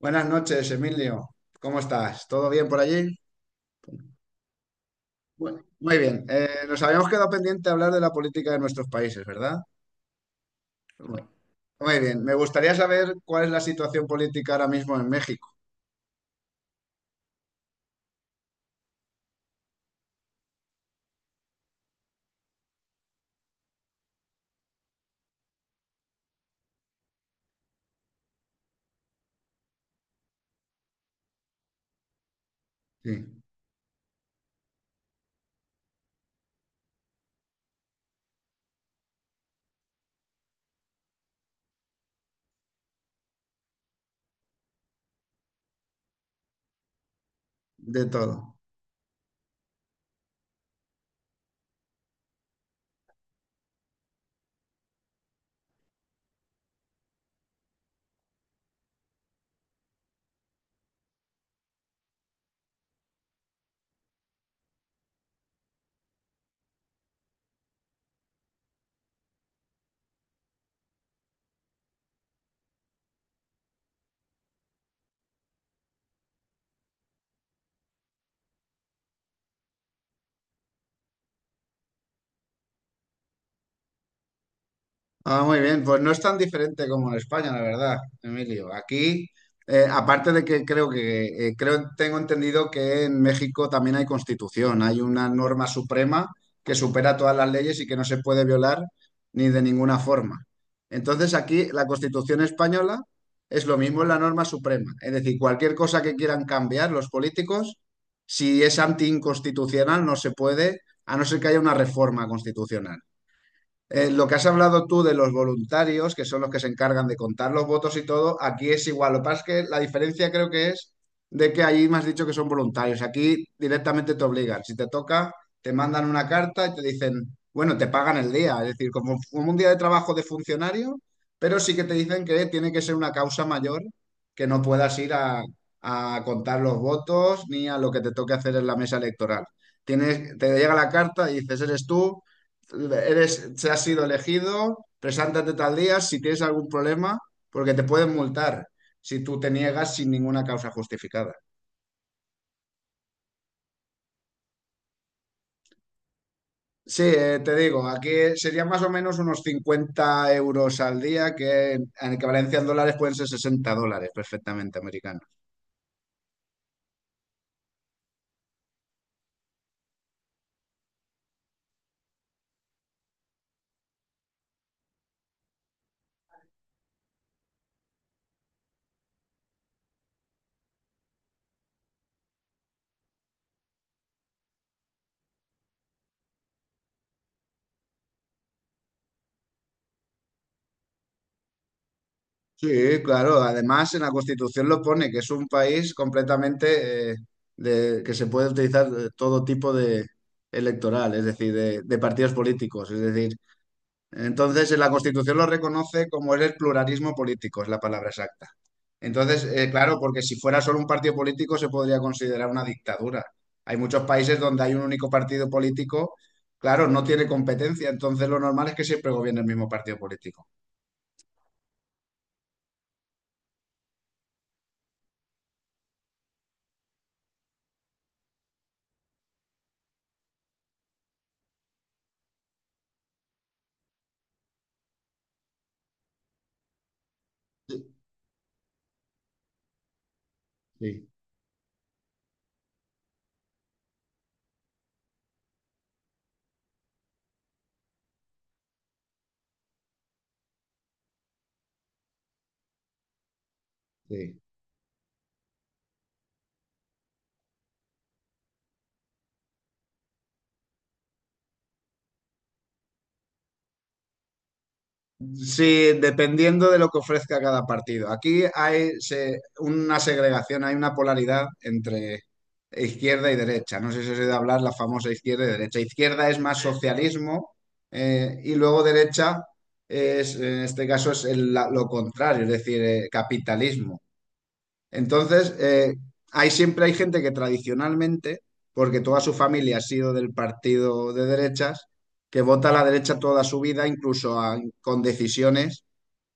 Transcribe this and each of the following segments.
Buenas noches, Emilio. ¿Cómo estás? ¿Todo bien por allí? Bueno, muy bien. Nos habíamos quedado pendiente de hablar de la política de nuestros países, ¿verdad? Muy muy bien. Me gustaría saber cuál es la situación política ahora mismo en México. Sí, de todo. Ah, muy bien, pues no es tan diferente como en España, la verdad, Emilio. Aquí, aparte de que creo tengo entendido que en México también hay constitución, hay una norma suprema que supera todas las leyes y que no se puede violar ni de ninguna forma. Entonces aquí la Constitución española es lo mismo, es la norma suprema. Es decir, cualquier cosa que quieran cambiar los políticos, si es antiinconstitucional, no se puede, a no ser que haya una reforma constitucional. Lo que has hablado tú de los voluntarios, que son los que se encargan de contar los votos y todo, aquí es igual. Lo que pasa es que la diferencia creo que es de que allí me has dicho que son voluntarios. Aquí directamente te obligan. Si te toca, te mandan una carta y te dicen, bueno, te pagan el día. Es decir, como un día de trabajo de funcionario, pero sí que te dicen que tiene que ser una causa mayor, que no puedas ir a contar los votos ni a lo que te toque hacer en la mesa electoral. Tienes, te llega la carta y dices, eres tú, eres, se has sido elegido, preséntate tal día si tienes algún problema, porque te pueden multar si tú te niegas sin ninguna causa justificada. Sí, te digo, aquí serían más o menos unos 50 euros al día, que en equivalencia en dólares pueden ser 60 dólares perfectamente americanos. Sí, claro, además en la Constitución lo pone, que es un país completamente que se puede utilizar todo tipo de electoral, es decir, de partidos políticos. Es decir, en la Constitución lo reconoce como es el pluralismo político, es la palabra exacta. Entonces, claro, porque si fuera solo un partido político se podría considerar una dictadura. Hay muchos países donde hay un único partido político, claro, no tiene competencia, entonces lo normal es que siempre gobierne el mismo partido político. Sí, sí. Sí, dependiendo de lo que ofrezca cada partido. Aquí hay una segregación, hay una polaridad entre izquierda y derecha. No sé si os he oído hablar la famosa izquierda y derecha. Izquierda es más socialismo y luego derecha es, en este caso, es lo contrario, es decir, capitalismo. Entonces, hay siempre hay gente que tradicionalmente, porque toda su familia ha sido del partido de derechas, que vota a la derecha toda su vida, incluso con decisiones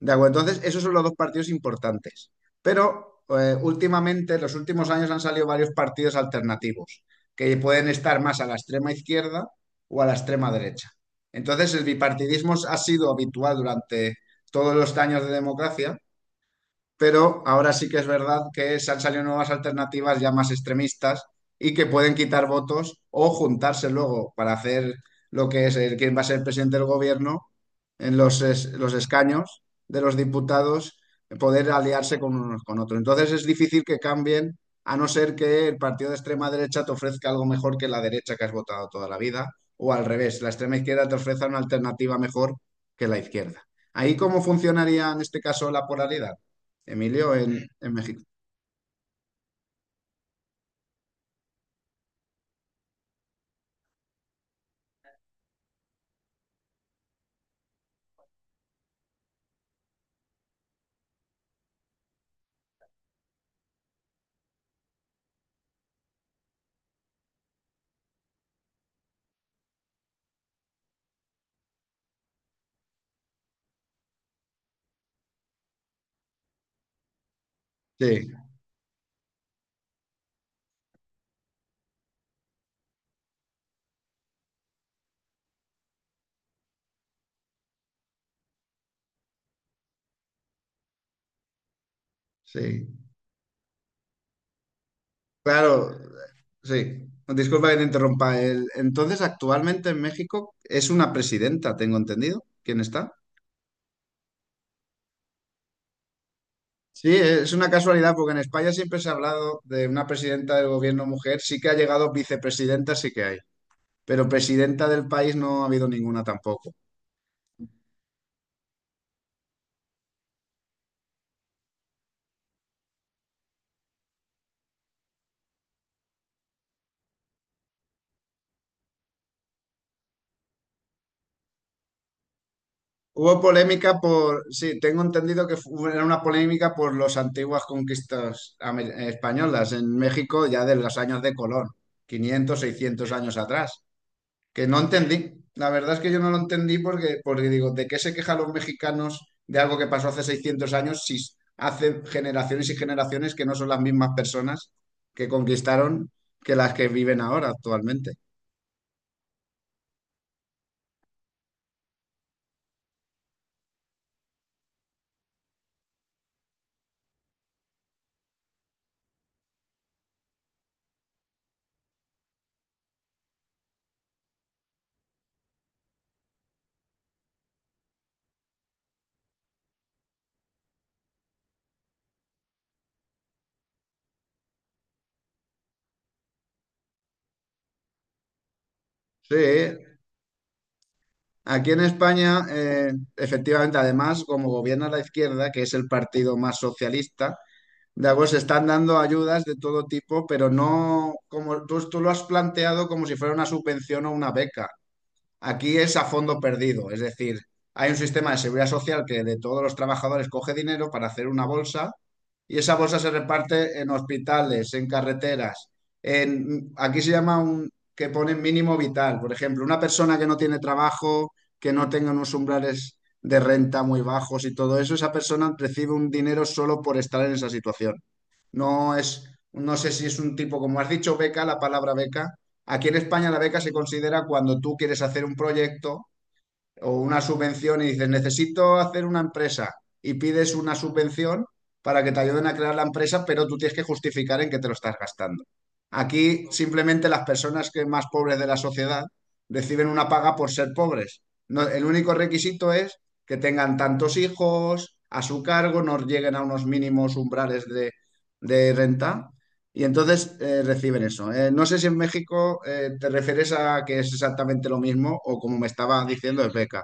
de acuerdo, entonces esos son los dos partidos importantes. Pero últimamente, en los últimos años han salido varios partidos alternativos que pueden estar más a la extrema izquierda o a la extrema derecha. Entonces el bipartidismo ha sido habitual durante todos los años de democracia pero ahora sí que es verdad que se han salido nuevas alternativas ya más extremistas y que pueden quitar votos o juntarse luego para hacer lo que es quién va a ser el presidente del gobierno en los, los escaños de los diputados, poder aliarse con unos con otros. Entonces es difícil que cambien, a no ser que el partido de extrema derecha te ofrezca algo mejor que la derecha que has votado toda la vida, o al revés, la extrema izquierda te ofrezca una alternativa mejor que la izquierda. ¿Ahí cómo funcionaría en este caso la polaridad? Emilio en México. Sí, sí. Claro, sí. Disculpa que te interrumpa. Entonces, actualmente en México es una presidenta, tengo entendido. ¿Quién está? Sí, es una casualidad porque en España siempre se ha hablado de una presidenta del gobierno mujer. Sí que ha llegado vicepresidenta, sí que hay. Pero presidenta del país no ha habido ninguna tampoco. Hubo polémica por, sí, tengo entendido que era una polémica por las antiguas conquistas españolas en México ya de los años de Colón, 500, 600 años atrás, que no entendí. La verdad es que yo no lo entendí porque, porque digo, ¿de qué se quejan los mexicanos de algo que pasó hace 600 años si hace generaciones y generaciones que no son las mismas personas que conquistaron que las que viven ahora actualmente? Sí. Aquí en España, efectivamente, además, como gobierna la izquierda, que es el partido más socialista, de algo se están dando ayudas de todo tipo, pero no como tú lo has planteado como si fuera una subvención o una beca. Aquí es a fondo perdido, es decir, hay un sistema de seguridad social que de todos los trabajadores coge dinero para hacer una bolsa y esa bolsa se reparte en hospitales, en carreteras, aquí se llama un que pone mínimo vital, por ejemplo, una persona que no tiene trabajo, que no tenga unos umbrales de renta muy bajos y todo eso, esa persona recibe un dinero solo por estar en esa situación. No sé si es un tipo, como has dicho, beca, la palabra beca. Aquí en España la beca se considera cuando tú quieres hacer un proyecto o una subvención y dices, necesito hacer una empresa y pides una subvención para que te ayuden a crear la empresa, pero tú tienes que justificar en qué te lo estás gastando. Aquí simplemente las personas que más pobres de la sociedad reciben una paga por ser pobres. El único requisito es que tengan tantos hijos a su cargo, no lleguen a unos mínimos umbrales de renta y entonces reciben eso. No sé si en México te refieres a que es exactamente lo mismo o como me estaba diciendo, es beca.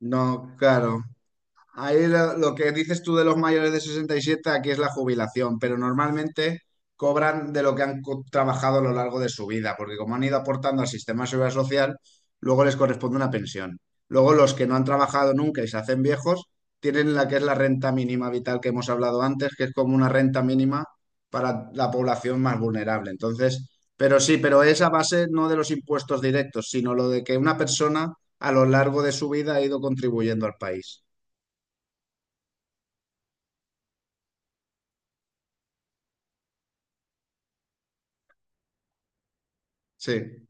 No, claro. Ahí lo que dices tú de los mayores de 67 aquí es la jubilación, pero normalmente cobran de lo que han trabajado a lo largo de su vida, porque como han ido aportando al sistema de seguridad social, luego les corresponde una pensión. Luego los que no han trabajado nunca y se hacen viejos, tienen la que es la renta mínima vital que hemos hablado antes, que es como una renta mínima para la población más vulnerable. Entonces, pero sí, pero es a base no de los impuestos directos, sino lo de que una persona a lo largo de su vida ha ido contribuyendo al país. Sí,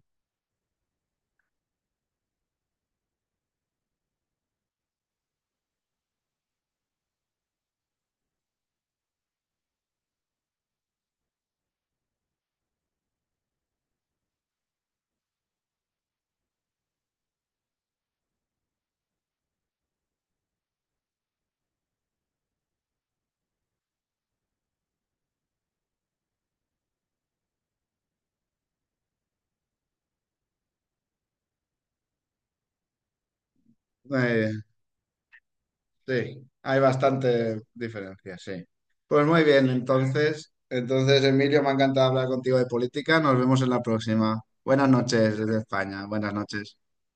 eh, sí, hay bastante diferencia, sí. Pues muy bien, entonces, Emilio, me ha encantado hablar contigo de política. Nos vemos en la próxima. Buenas noches desde España. Buenas noches.